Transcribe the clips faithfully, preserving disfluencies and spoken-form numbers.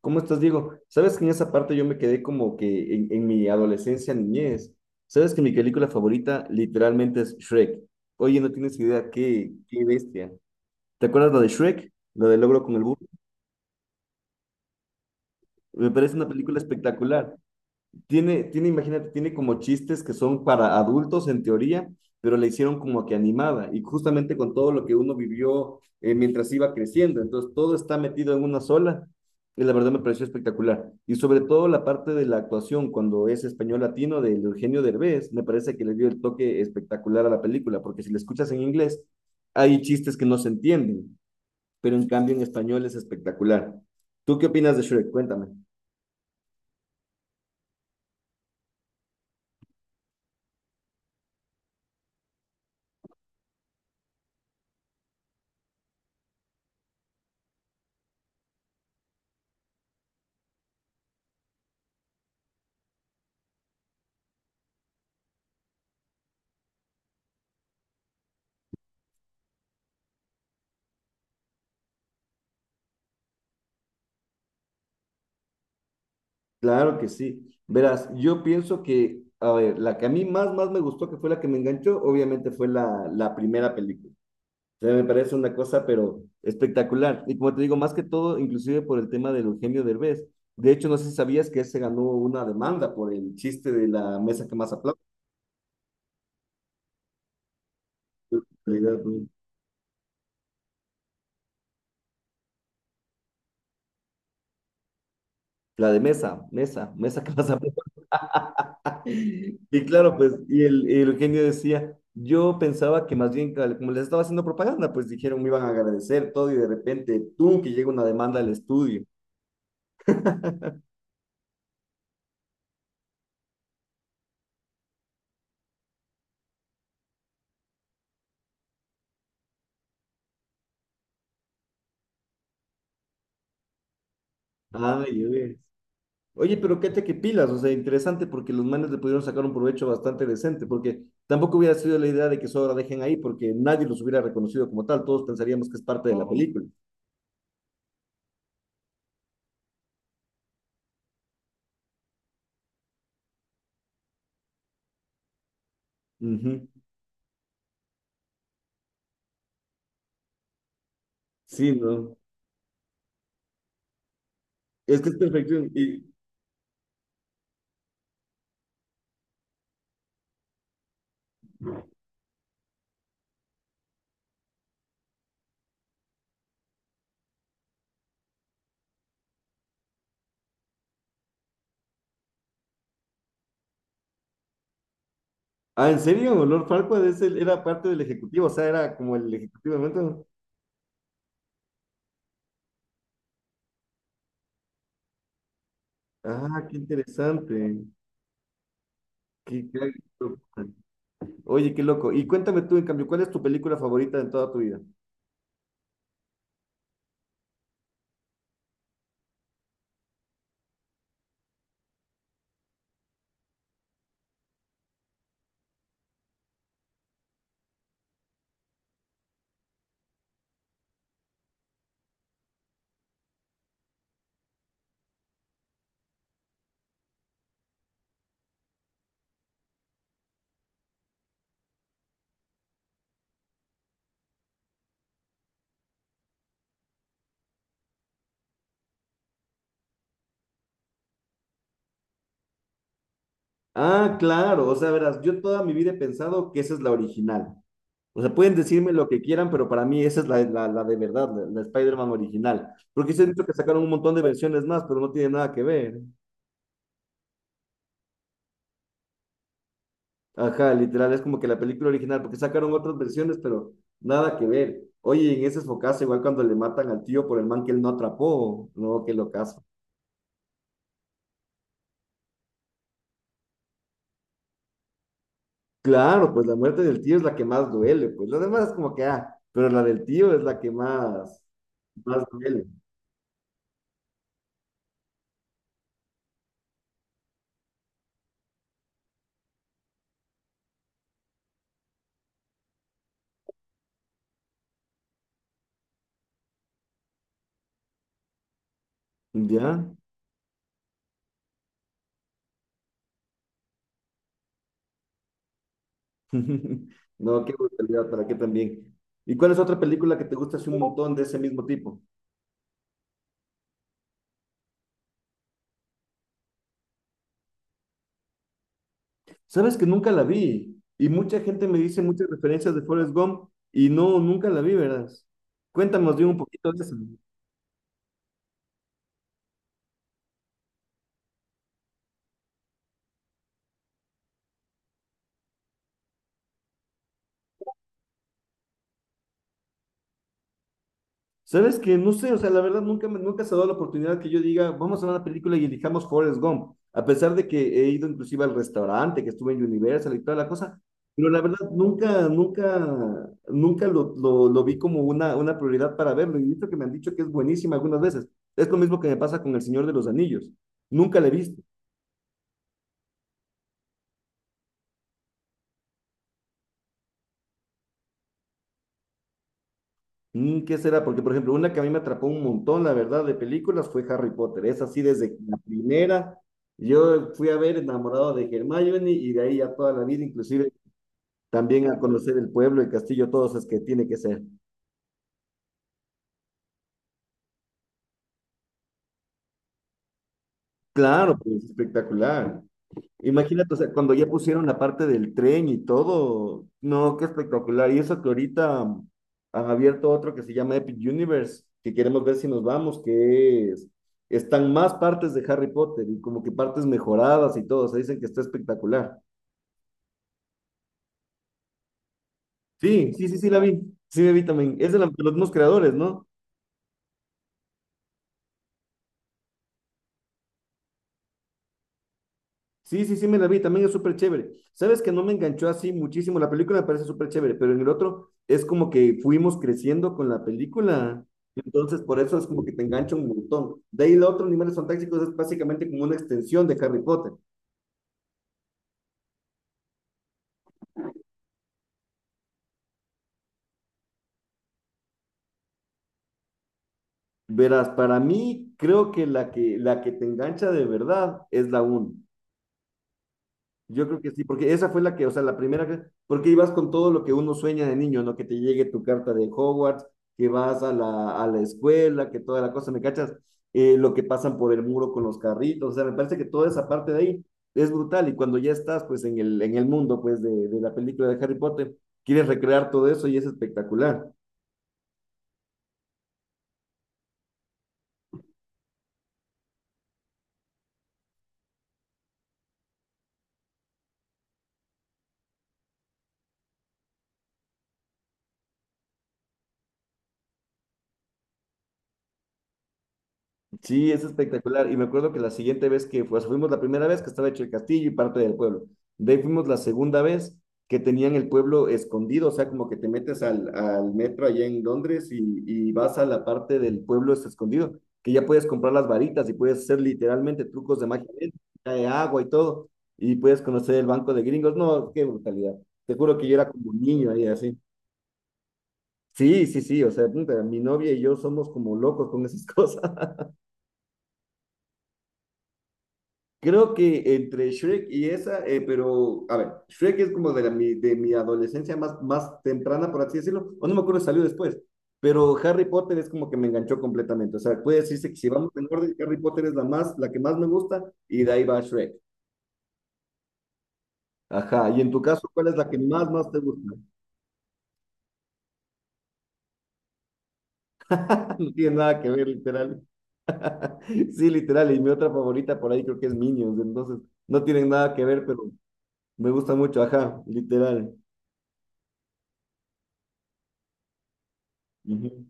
¿Cómo estás, Diego? Sabes que en esa parte yo me quedé como que en, en mi adolescencia, niñez. Sabes que mi película favorita literalmente es Shrek. Oye, no tienes idea, qué, qué bestia. ¿Te acuerdas la de Shrek? La del logro con el burro. Me parece una película espectacular. Tiene, tiene, imagínate, tiene como chistes que son para adultos en teoría, pero la hicieron como que animada y justamente con todo lo que uno vivió eh, mientras iba creciendo. Entonces, todo está metido en una sola y la verdad me pareció espectacular. Y sobre todo la parte de la actuación, cuando es español latino de Eugenio Derbez, me parece que le dio el toque espectacular a la película, porque si la escuchas en inglés, hay chistes que no se entienden, pero en cambio en español es espectacular. ¿Tú qué opinas de Shrek? Cuéntame. Claro que sí. Verás, yo pienso que, a ver, la que a mí más, más me gustó, que fue la que me enganchó, obviamente fue la, la primera película. O sea, me parece una cosa, pero espectacular. Y como te digo, más que todo, inclusive por el tema del Eugenio Derbez. De hecho, no sé si sabías que él se ganó una demanda por el chiste de la mesa que más aplaude. La de mesa, mesa, mesa que más aplaude. Y claro, pues, y el, y el Eugenio decía, yo pensaba que más bien, cal- como les estaba haciendo propaganda, pues dijeron, me iban a agradecer todo y de repente, tú, que llega una demanda al estudio. Ay, oye. Oye, pero qué que pilas, o sea, interesante porque los manes le pudieron sacar un provecho bastante decente, porque tampoco hubiera sido la idea de que eso ahora dejen ahí, porque nadie los hubiera reconocido como tal, todos pensaríamos que es parte de la película. Ujú. Sí, ¿no? Es que es perfecto. Y, ah, ¿en serio? Lord Farquaad es el- era parte del ejecutivo, o sea, era como el ejecutivo de momento. Ah, qué interesante. Qué, qué Oye, qué loco. Y cuéntame tú, en cambio, ¿cuál es tu película favorita de toda tu vida? Ah, claro, o sea, verás, yo toda mi vida he pensado que esa es la original. O sea, pueden decirme lo que quieran, pero para mí esa es la, la, la de verdad, la, la Spider-Man original. Porque se han dicho que sacaron un montón de versiones más, pero no tiene nada que ver. Ajá, literal, es como que la película original, porque sacaron otras versiones, pero nada que ver. Oye, en ese focazo, igual cuando le matan al tío por el man que él no atrapó, no, qué locazo. Claro, pues la muerte del tío es la que más duele, pues lo demás es como que, ah, pero la del tío es la que más, más duele. ¿Ya? No, qué brutalidad, ¿para qué también? ¿Y cuál es otra película que te gusta así un montón de ese mismo tipo? Sabes que nunca la vi y mucha gente me dice muchas referencias de Forrest Gump y no, nunca la vi, ¿verdad? Cuéntame más bien un poquito de eso. Sabes que no sé, o sea, la verdad nunca, me- nunca se ha dado la oportunidad que yo diga, vamos a ver una película y elijamos Forrest Gump, a pesar de que he ido inclusive al restaurante, que estuve en Universal y toda la cosa, pero la verdad, nunca, nunca, nunca lo, lo, lo vi como una, una prioridad para verlo y he visto que me han dicho que es buenísima algunas veces. Es lo mismo que me pasa con El Señor de los Anillos. Nunca la he visto. Mm, ¿Qué será? Porque, por ejemplo, una que a mí me atrapó un montón, la verdad, de películas fue Harry Potter. Es así desde la primera. Yo fui a ver enamorado de Hermione y de ahí ya toda la vida, inclusive también a conocer el pueblo, el castillo, todo eso es que tiene que ser. Claro, pues espectacular. Imagínate, o sea, cuando ya pusieron la parte del tren y todo, no, qué espectacular. Y eso que ahorita mm, han abierto otro que se llama Epic Universe, que queremos ver si nos vamos, que es, están más partes de Harry Potter y como que partes mejoradas y todo, o sea, dicen que está espectacular. Sí, sí, sí, sí, la vi, sí, la vi también. Es de, la- de los mismos creadores, ¿no? Sí, sí, sí, me la vi, también es súper chévere. Sabes que no me enganchó así muchísimo, la película me parece súper chévere, pero en el otro es como que fuimos creciendo con la película, entonces por eso es como que te engancha un montón. De ahí el otro, Animales Fantásticos, es básicamente como una extensión de Harry Potter. Verás, para mí creo que la que, la que te engancha de verdad es la uno. Yo creo que sí, porque esa fue la que, o sea, la primera, que- porque ibas con todo lo que uno sueña de niño, ¿no? Que te llegue tu carta de Hogwarts, que vas a la, a la escuela, que toda la cosa, ¿me cachas? Eh, lo que pasan por el muro con los carritos, o sea, me parece que toda esa parte de ahí es brutal y cuando ya estás, pues, en el, en el mundo, pues, de, de la película de Harry Potter, quieres recrear todo eso y es espectacular. Sí, es espectacular. Y me acuerdo que la siguiente vez que pues, fuimos la primera vez que estaba hecho el castillo y parte del pueblo. De ahí fuimos la segunda vez que tenían el pueblo escondido, o sea, como que te metes al, al metro allá en Londres y, y vas a la parte del pueblo es escondido, que ya puedes comprar las varitas y puedes hacer literalmente trucos de magia, de agua y todo, y puedes conocer el banco de gringos. No, qué brutalidad. Te juro que yo era como un niño ahí así. Sí, sí, sí, o sea, puta, mi novia y yo somos como locos con esas cosas. Creo que entre Shrek y esa, eh, pero a ver, Shrek es como de, la, mi, de mi adolescencia más, más temprana, por así decirlo, o no me acuerdo si salió después, pero Harry Potter es como que me enganchó completamente. O sea, puede decirse que si vamos en orden, Harry Potter es la más, la que más me gusta y de ahí va Shrek. Ajá, y en tu caso, ¿cuál es la que más, más te gusta? No tiene nada que ver, literal. Sí, literal, y mi otra favorita por ahí creo que es Minions, entonces no tienen nada que ver, pero me gusta mucho, ajá, literal. Ujú.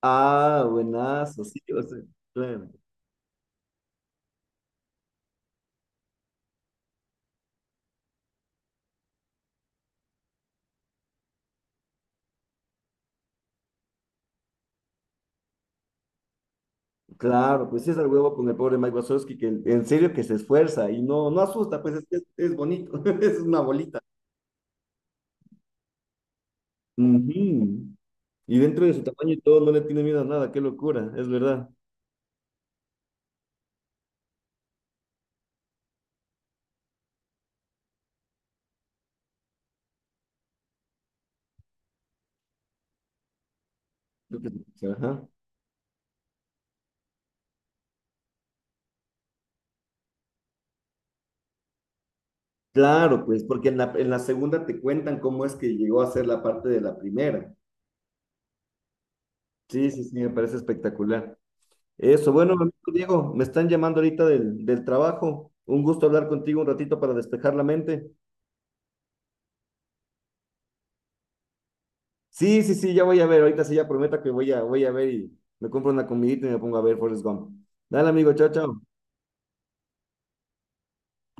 Ah, buenazo, sí, o sea, claro, claro, pues sí es el huevo con el pobre Mike Wazowski, que en serio que se esfuerza y no, no asusta, pues es, es, es bonito, es una bolita. Ujú. Y dentro de su tamaño y todo, no le tiene miedo a nada, qué locura, es verdad. Creo que- ajá. Claro, pues, porque en la, en la segunda te cuentan cómo es que llegó a ser la parte de la primera. Sí, sí, sí, me parece espectacular. Eso, bueno, amigo Diego, me están llamando ahorita del, del trabajo. Un gusto hablar contigo un ratito para despejar la mente. Sí, sí, sí, ya voy a ver. Ahorita sí ya prometo que voy a, voy a ver y me compro una comidita y me pongo a ver Forrest Gump. Dale, amigo, chao, chao.